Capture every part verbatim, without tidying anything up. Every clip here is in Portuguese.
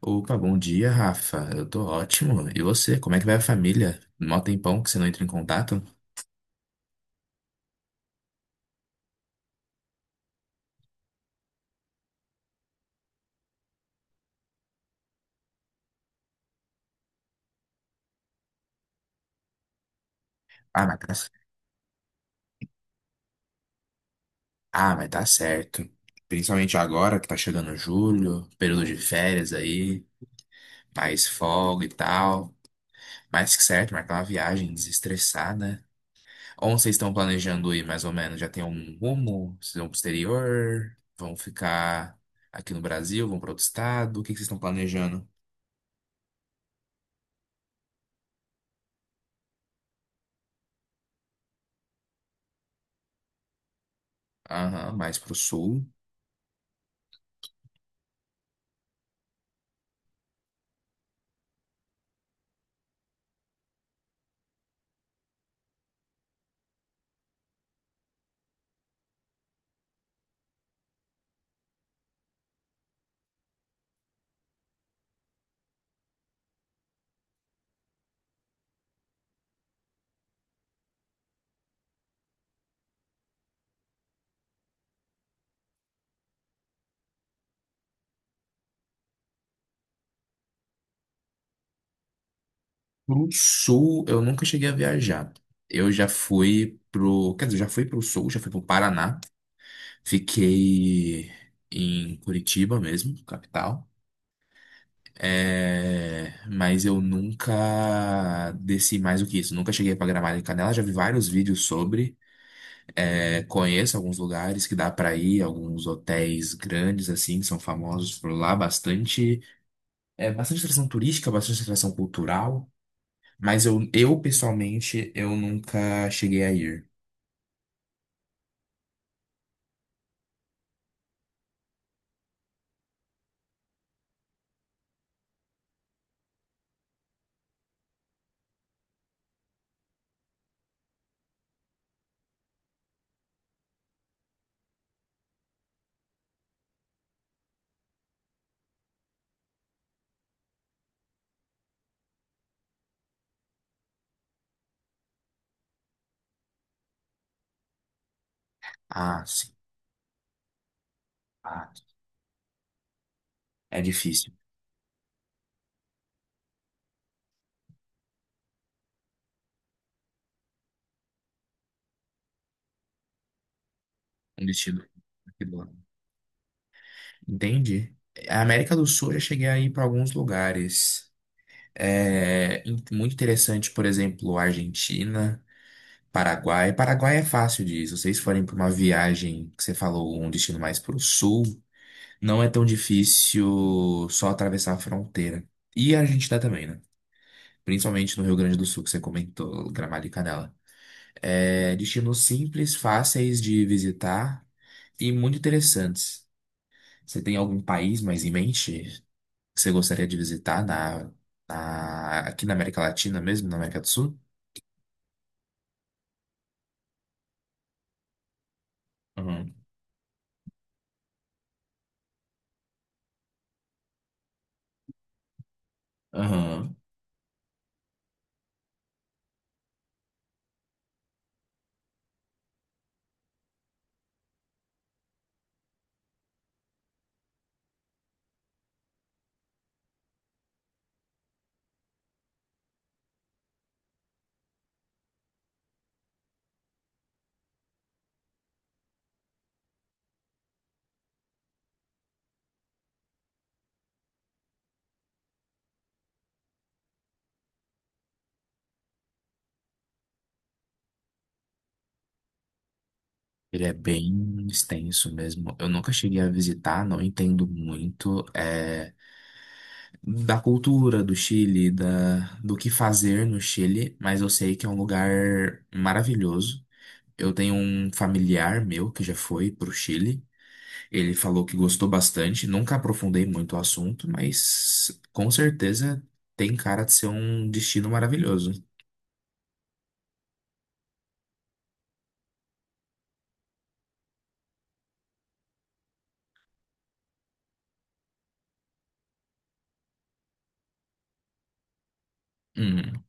Opa, bom dia, Rafa. Eu tô ótimo. E você, como é que vai a família? Mó tempão que você não entra em contato? Ah, mas tá, ah, mas tá certo. Principalmente agora que tá chegando julho, período de férias aí, mais folga e tal. Mais que certo, marcar uma viagem, desestressar, né? Onde vocês estão planejando ir, mais ou menos? Já tem um rumo? Vocês vão pro exterior? Vão ficar aqui no Brasil? Vão para outro estado? O que que vocês estão planejando? Aham, mais pro sul. O Sul, eu nunca cheguei a viajar. Eu já fui pro, quer dizer, já fui pro Sul, já fui pro Paraná. Fiquei em Curitiba mesmo, capital. É, mas eu nunca desci mais do que isso. Nunca cheguei para Gramado e Canela. Já vi vários vídeos sobre. É, conheço alguns lugares que dá para ir, alguns hotéis grandes assim, que são famosos por lá, bastante, é, bastante atração turística, bastante atração cultural. Mas eu, eu pessoalmente, eu nunca cheguei a ir. Ah, sim. Ah, é difícil. Um destino aqui do lado. Entendi. A América do Sul eu já cheguei a ir para alguns lugares. É in- muito interessante, por exemplo, Argentina, Paraguai. Paraguai é fácil de ir. Se vocês forem para uma viagem que você falou, um destino mais para o sul, não é tão difícil só atravessar a fronteira. E a Argentina também, né? Principalmente no Rio Grande do Sul, que você comentou, Gramado e Canela. É, destinos simples, fáceis de visitar e muito interessantes. Você tem algum país mais em mente que você gostaria de visitar na, na- aqui na América Latina mesmo, na América do Sul? Uhum. Aham. Ele é bem extenso mesmo. Eu nunca cheguei a visitar, não entendo muito é, da cultura do Chile, da, do que fazer no Chile, mas eu sei que é um lugar maravilhoso. Eu tenho um familiar meu que já foi pro Chile. Ele falou que gostou bastante, nunca aprofundei muito o assunto, mas com certeza tem cara de ser um destino maravilhoso. Hum.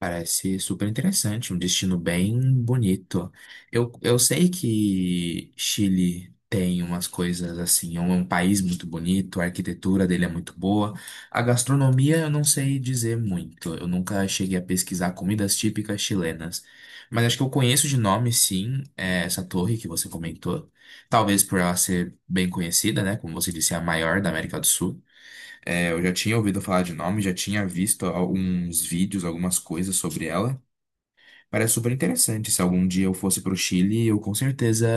Parece super interessante, um destino bem bonito. Eu, eu sei que Chile tem umas coisas assim, é um é um país muito bonito, a arquitetura dele é muito boa. A gastronomia eu não sei dizer muito, eu nunca cheguei a pesquisar comidas típicas chilenas. Mas acho que eu conheço de nome, sim, é, essa torre que você comentou. Talvez por ela ser bem conhecida, né? Como você disse, é a maior da América do Sul. É, eu já tinha ouvido falar de nome, já tinha visto alguns vídeos, algumas coisas sobre ela. Parece super interessante. Se algum dia eu fosse pro Chile, eu com certeza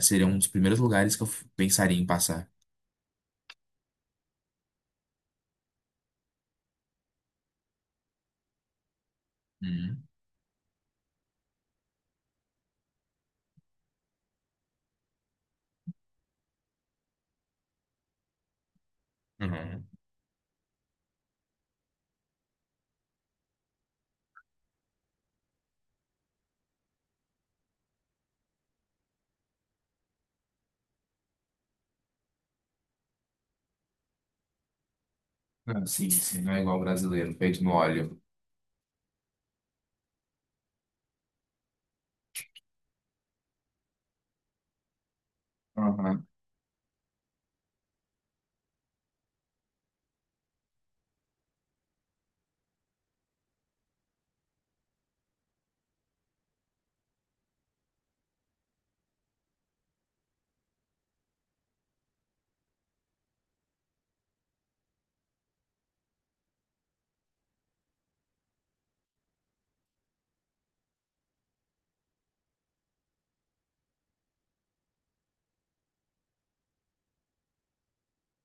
seria um dos primeiros lugares que eu f- pensaria em passar. Uhum. Uhum. Ah, sim, sim, não é igual brasileiro, feito no óleo. Uhum.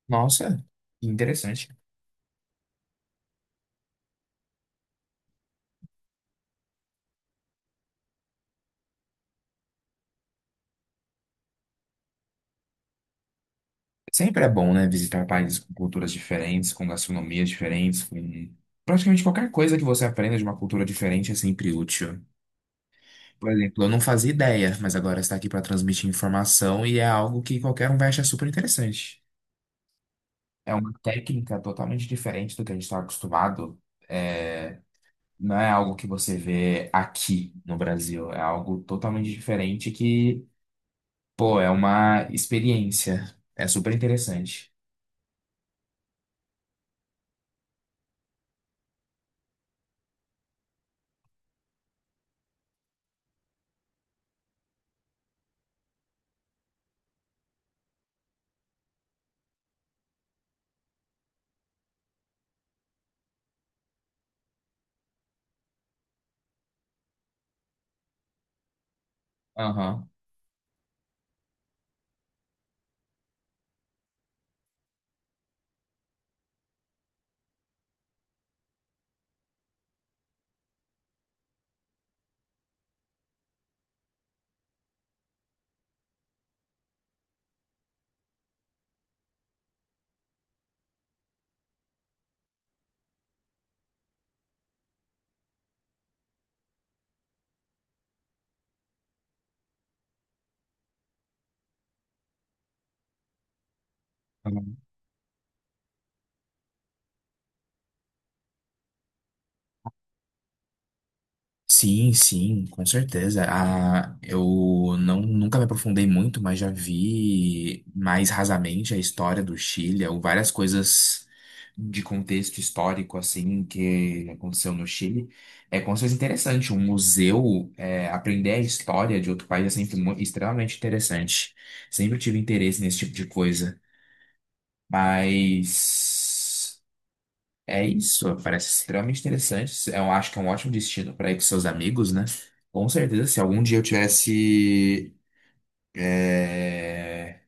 Nossa, que interessante. Sempre é bom, né, visitar países com culturas diferentes, com gastronomias diferentes, com praticamente qualquer coisa que você aprenda de uma cultura diferente é sempre útil. Por exemplo, eu não fazia ideia, mas agora está aqui para transmitir informação e é algo que qualquer um vai achar super interessante. É uma técnica totalmente diferente do que a gente está acostumado. É, não é algo que você vê aqui no Brasil, é algo totalmente diferente que, pô, é uma experiência. É super interessante. Aham. Sim, sim, com certeza. Ah, eu Não, nunca me aprofundei muito, mas já vi mais rasamente a história do Chile, ou várias coisas de contexto histórico, assim, que aconteceu no Chile. É como se fosse interessante. Um museu, é, aprender a história de outro país é sempre mu- extremamente interessante. Sempre tive interesse nesse tipo de coisa. Mas é isso, parece extremamente interessante. Eu acho que é um ótimo destino para ir com seus amigos, né? Com certeza, se algum dia eu tivesse é,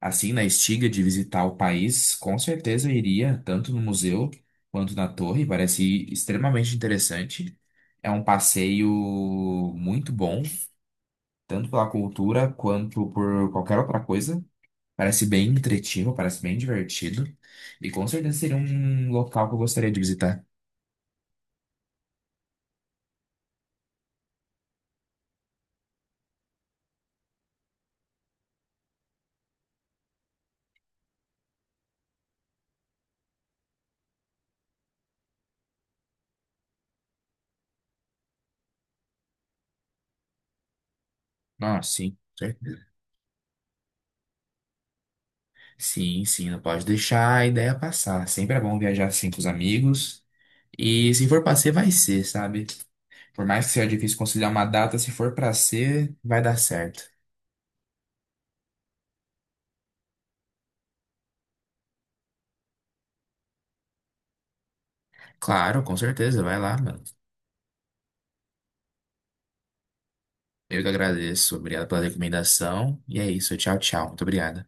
assim na estiga de visitar o país, com certeza eu iria tanto no museu quanto na torre. Parece extremamente interessante. É um passeio muito bom, tanto pela cultura quanto por qualquer outra coisa. Parece bem entretido, parece bem divertido e com certeza seria um local que eu gostaria de visitar. Ah, sim, certeza. Sim, sim, não pode deixar a ideia passar. Sempre é bom viajar assim com os amigos. E se for pra ser, vai ser, sabe? Por mais que seja difícil conciliar uma data, se for pra ser, vai dar certo. Claro, com certeza, vai lá, mano. Eu que agradeço. Obrigado pela recomendação. E é isso, tchau, tchau. Muito obrigado.